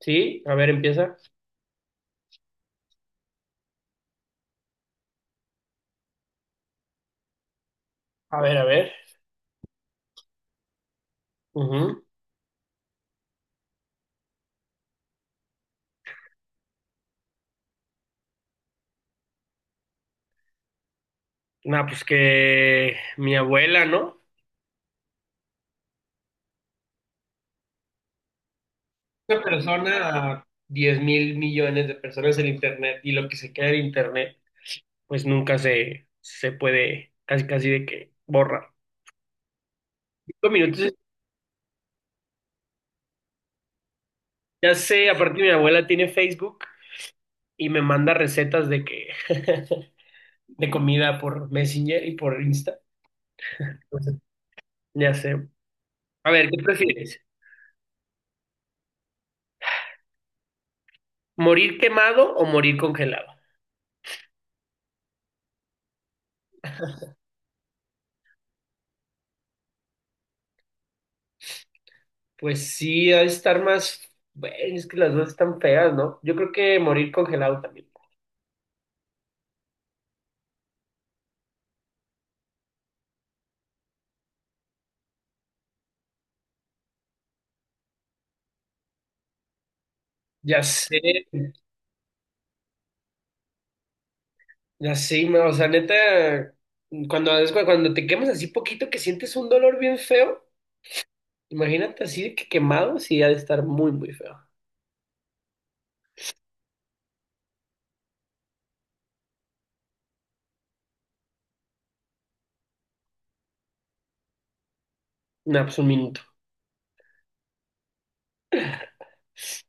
Sí, a ver, empieza. A ver, a ver. Ujú. Nah, pues que mi abuela, ¿no? Una persona, 10.000 millones de personas en Internet y lo que se queda en Internet, pues nunca se puede casi casi de que borra. 5 minutos, ya sé, aparte mi abuela tiene Facebook y me manda recetas de que de comida por Messenger y por Insta. Entonces, ya sé. A ver, ¿qué prefieres? ¿Morir quemado o morir congelado? Pues sí, ha de estar más. Bueno, es que las dos están feas, ¿no? Yo creo que morir congelado también. Ya sé, ya sé, ma, o sea, neta, cuando, cuando te quemas así poquito que sientes un dolor bien feo, imagínate así de que quemado, sí, ha de estar muy, muy feo. No, pues un minuto.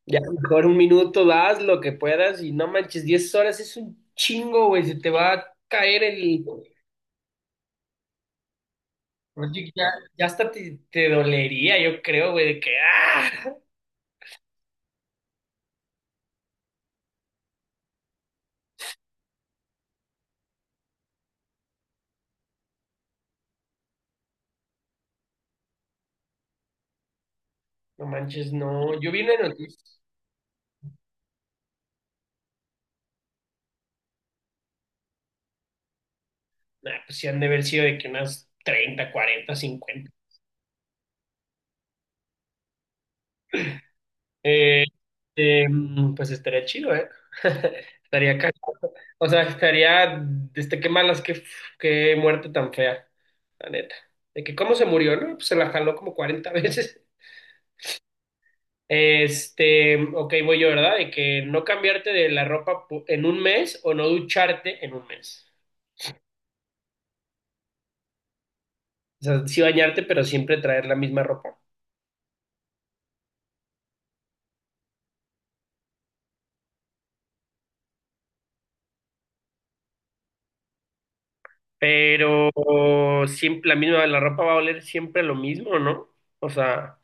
Ya, mejor un minuto, das lo que puedas y no manches. 10 horas es un chingo, güey, se te va a caer el. Oye, ya, ya hasta te dolería, yo creo, güey, de que ¡ah! No manches, no. Yo vi una noticia. Nah, pues sí han de haber sido de que unas 30, 40, 50. Eh, pues estaría chido, ¿eh? Estaría cagado. O sea, estaría. Este, qué malas, qué muerte tan fea. La neta. De que cómo se murió, ¿no? Pues se la jaló como 40 veces. Este, ok, voy yo, ¿verdad? De que no cambiarte de la en un mes o no ducharte en un mes. O sea, sí bañarte, pero siempre traer la misma ropa. Pero siempre la misma, la ropa va a oler siempre lo mismo, ¿no? O sea,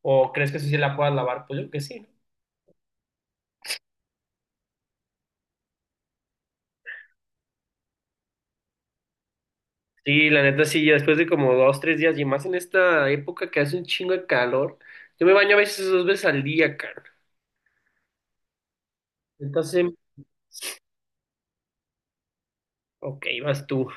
¿o crees que eso sí la puedas lavar? Pues yo creo que sí, ¿no? Sí, la neta sí, ya después de como 2, 3 días y más en esta época que hace un chingo de calor, yo me baño a veces dos veces al día, cara. Entonces, ok, vas tú.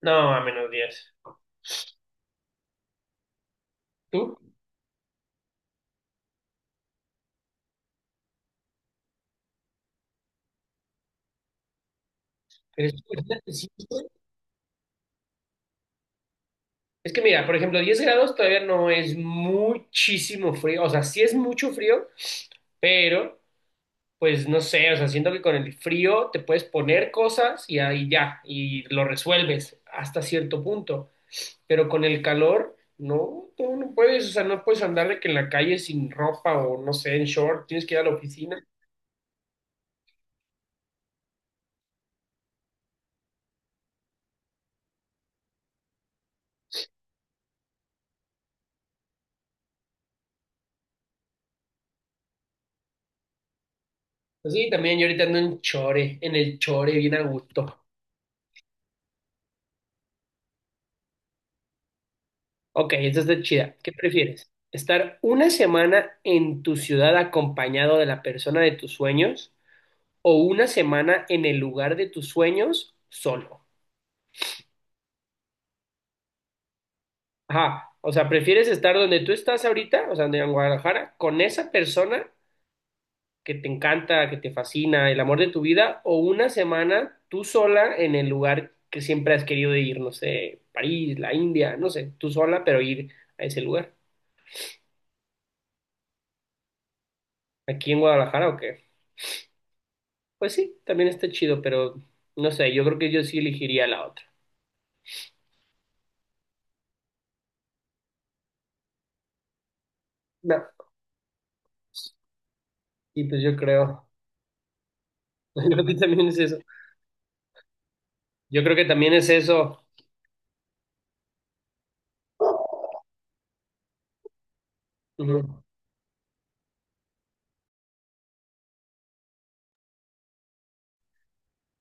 No, a menos 10. ¿Tú? ¿Eres tú? Imagínate, sí, güey. Es que mira, por ejemplo, 10 grados todavía no es muchísimo frío, o sea, sí es mucho frío, pero pues no sé, o sea, siento que con el frío te puedes poner cosas y ahí ya, y lo resuelves hasta cierto punto, pero con el calor, no, tú no puedes, o sea, no puedes andar de que en la calle sin ropa o no sé, en short, tienes que ir a la oficina. Pues sí, también yo ahorita ando en chore, en el chore, bien a gusto. Ok, esta está chida. ¿Qué prefieres? ¿Estar una semana en tu ciudad acompañado de la persona de tus sueños o una semana en el lugar de tus sueños solo? Ajá, o sea, prefieres estar donde tú estás ahorita, o sea, en Guadalajara, con esa persona que te encanta, que te fascina, el amor de tu vida, o una semana tú sola en el lugar que siempre has querido ir, no sé, París, la India, no sé, tú sola, pero ir a ese lugar. ¿Aquí en Guadalajara o qué? Pues sí, también está chido, pero no sé, yo creo que yo sí elegiría la otra. No, pues, y pues yo creo, yo creo que también es eso. Yo creo que también es eso. Ujú.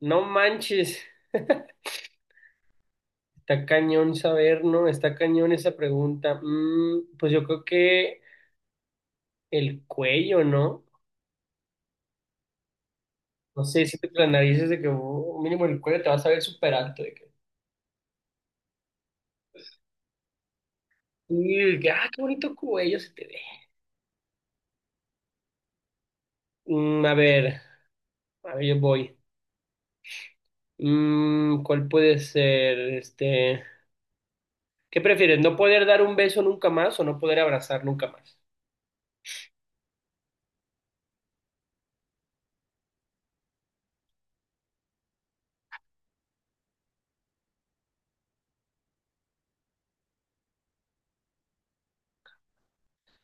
No manches. Está cañón saber, ¿no? Está cañón esa pregunta. Pues yo creo que el cuello, ¿no? No sé, siento que la nariz es de que oh, mínimo el cuello te vas a ver súper alto. De que, "Uy, que, ah, qué bonito cuello se te ve." Mm, a ver, a ver, yo voy. ¿Cuál puede ser? Este, ¿qué prefieres? ¿No poder dar un beso nunca más o no poder abrazar nunca más?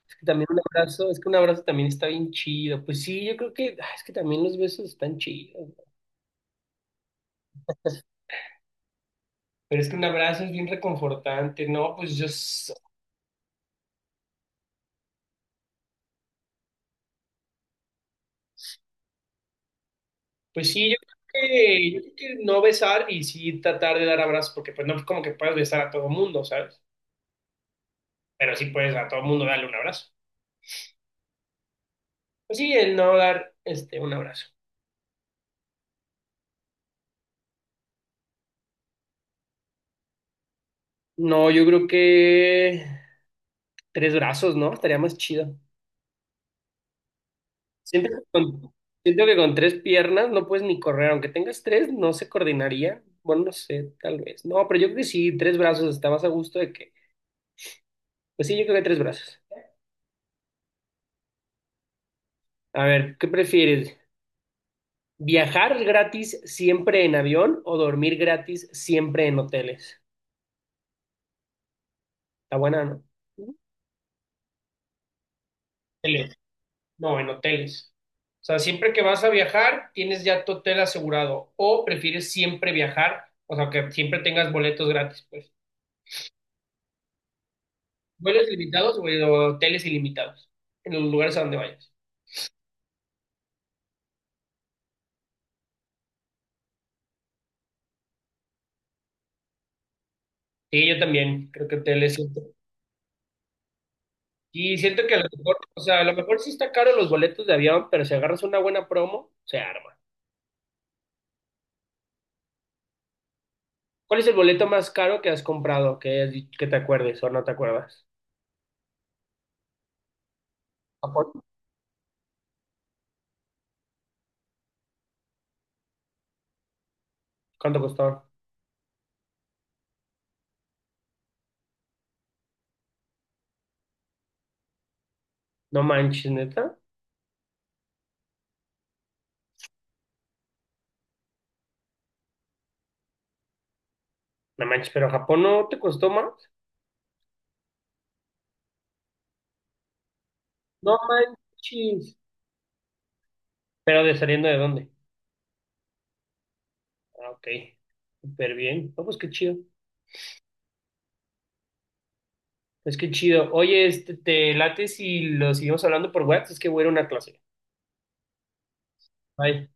Es que también un abrazo, es que un abrazo también está bien chido. Pues sí, yo creo que, es que también los besos están chidos. Pero es que un abrazo es bien reconfortante, ¿no? Pues yo, pues sí, yo creo que no besar y sí tratar de dar abrazos, porque pues no es como que puedas besar a todo mundo, ¿sabes? Pero sí puedes a todo mundo darle un abrazo. Pues sí, el no dar, este, un abrazo. No, yo creo que tres brazos, ¿no? Estaría más chido. Siento que con, siento que con tres piernas no puedes ni correr, aunque tengas tres, no se coordinaría. Bueno, no sé, tal vez. No, pero yo creo que sí, tres brazos está más a gusto de que, pues sí, yo creo que tres brazos. A ver, ¿qué prefieres? ¿Viajar gratis siempre en avión o dormir gratis siempre en hoteles? Está buena, ¿no? Hoteles. No, en hoteles. O sea, siempre que vas a viajar, tienes ya tu hotel asegurado. O prefieres siempre viajar, o sea, que siempre tengas boletos gratis, pues. ¿Vuelos limitados o hoteles ilimitados? En los lugares a donde vayas. Sí, yo también creo que hoteles siempre. Y siento que a lo mejor, o sea, a lo mejor sí está caro los boletos de avión, pero si agarras una buena promo, se arma. ¿Cuál es el boleto más caro que has comprado? Que, que te acuerdes o no te acuerdas. Japón. ¿Cuánto costó? No manches, neta. No manches, pero Japón no te costó más. No manches. Pero de saliendo de dónde. Ah, ok. Súper bien. No, pues qué chido. Pues qué chido. Oye, este, te late si lo seguimos hablando por WhatsApp, es que voy a ir a una clase. Bye.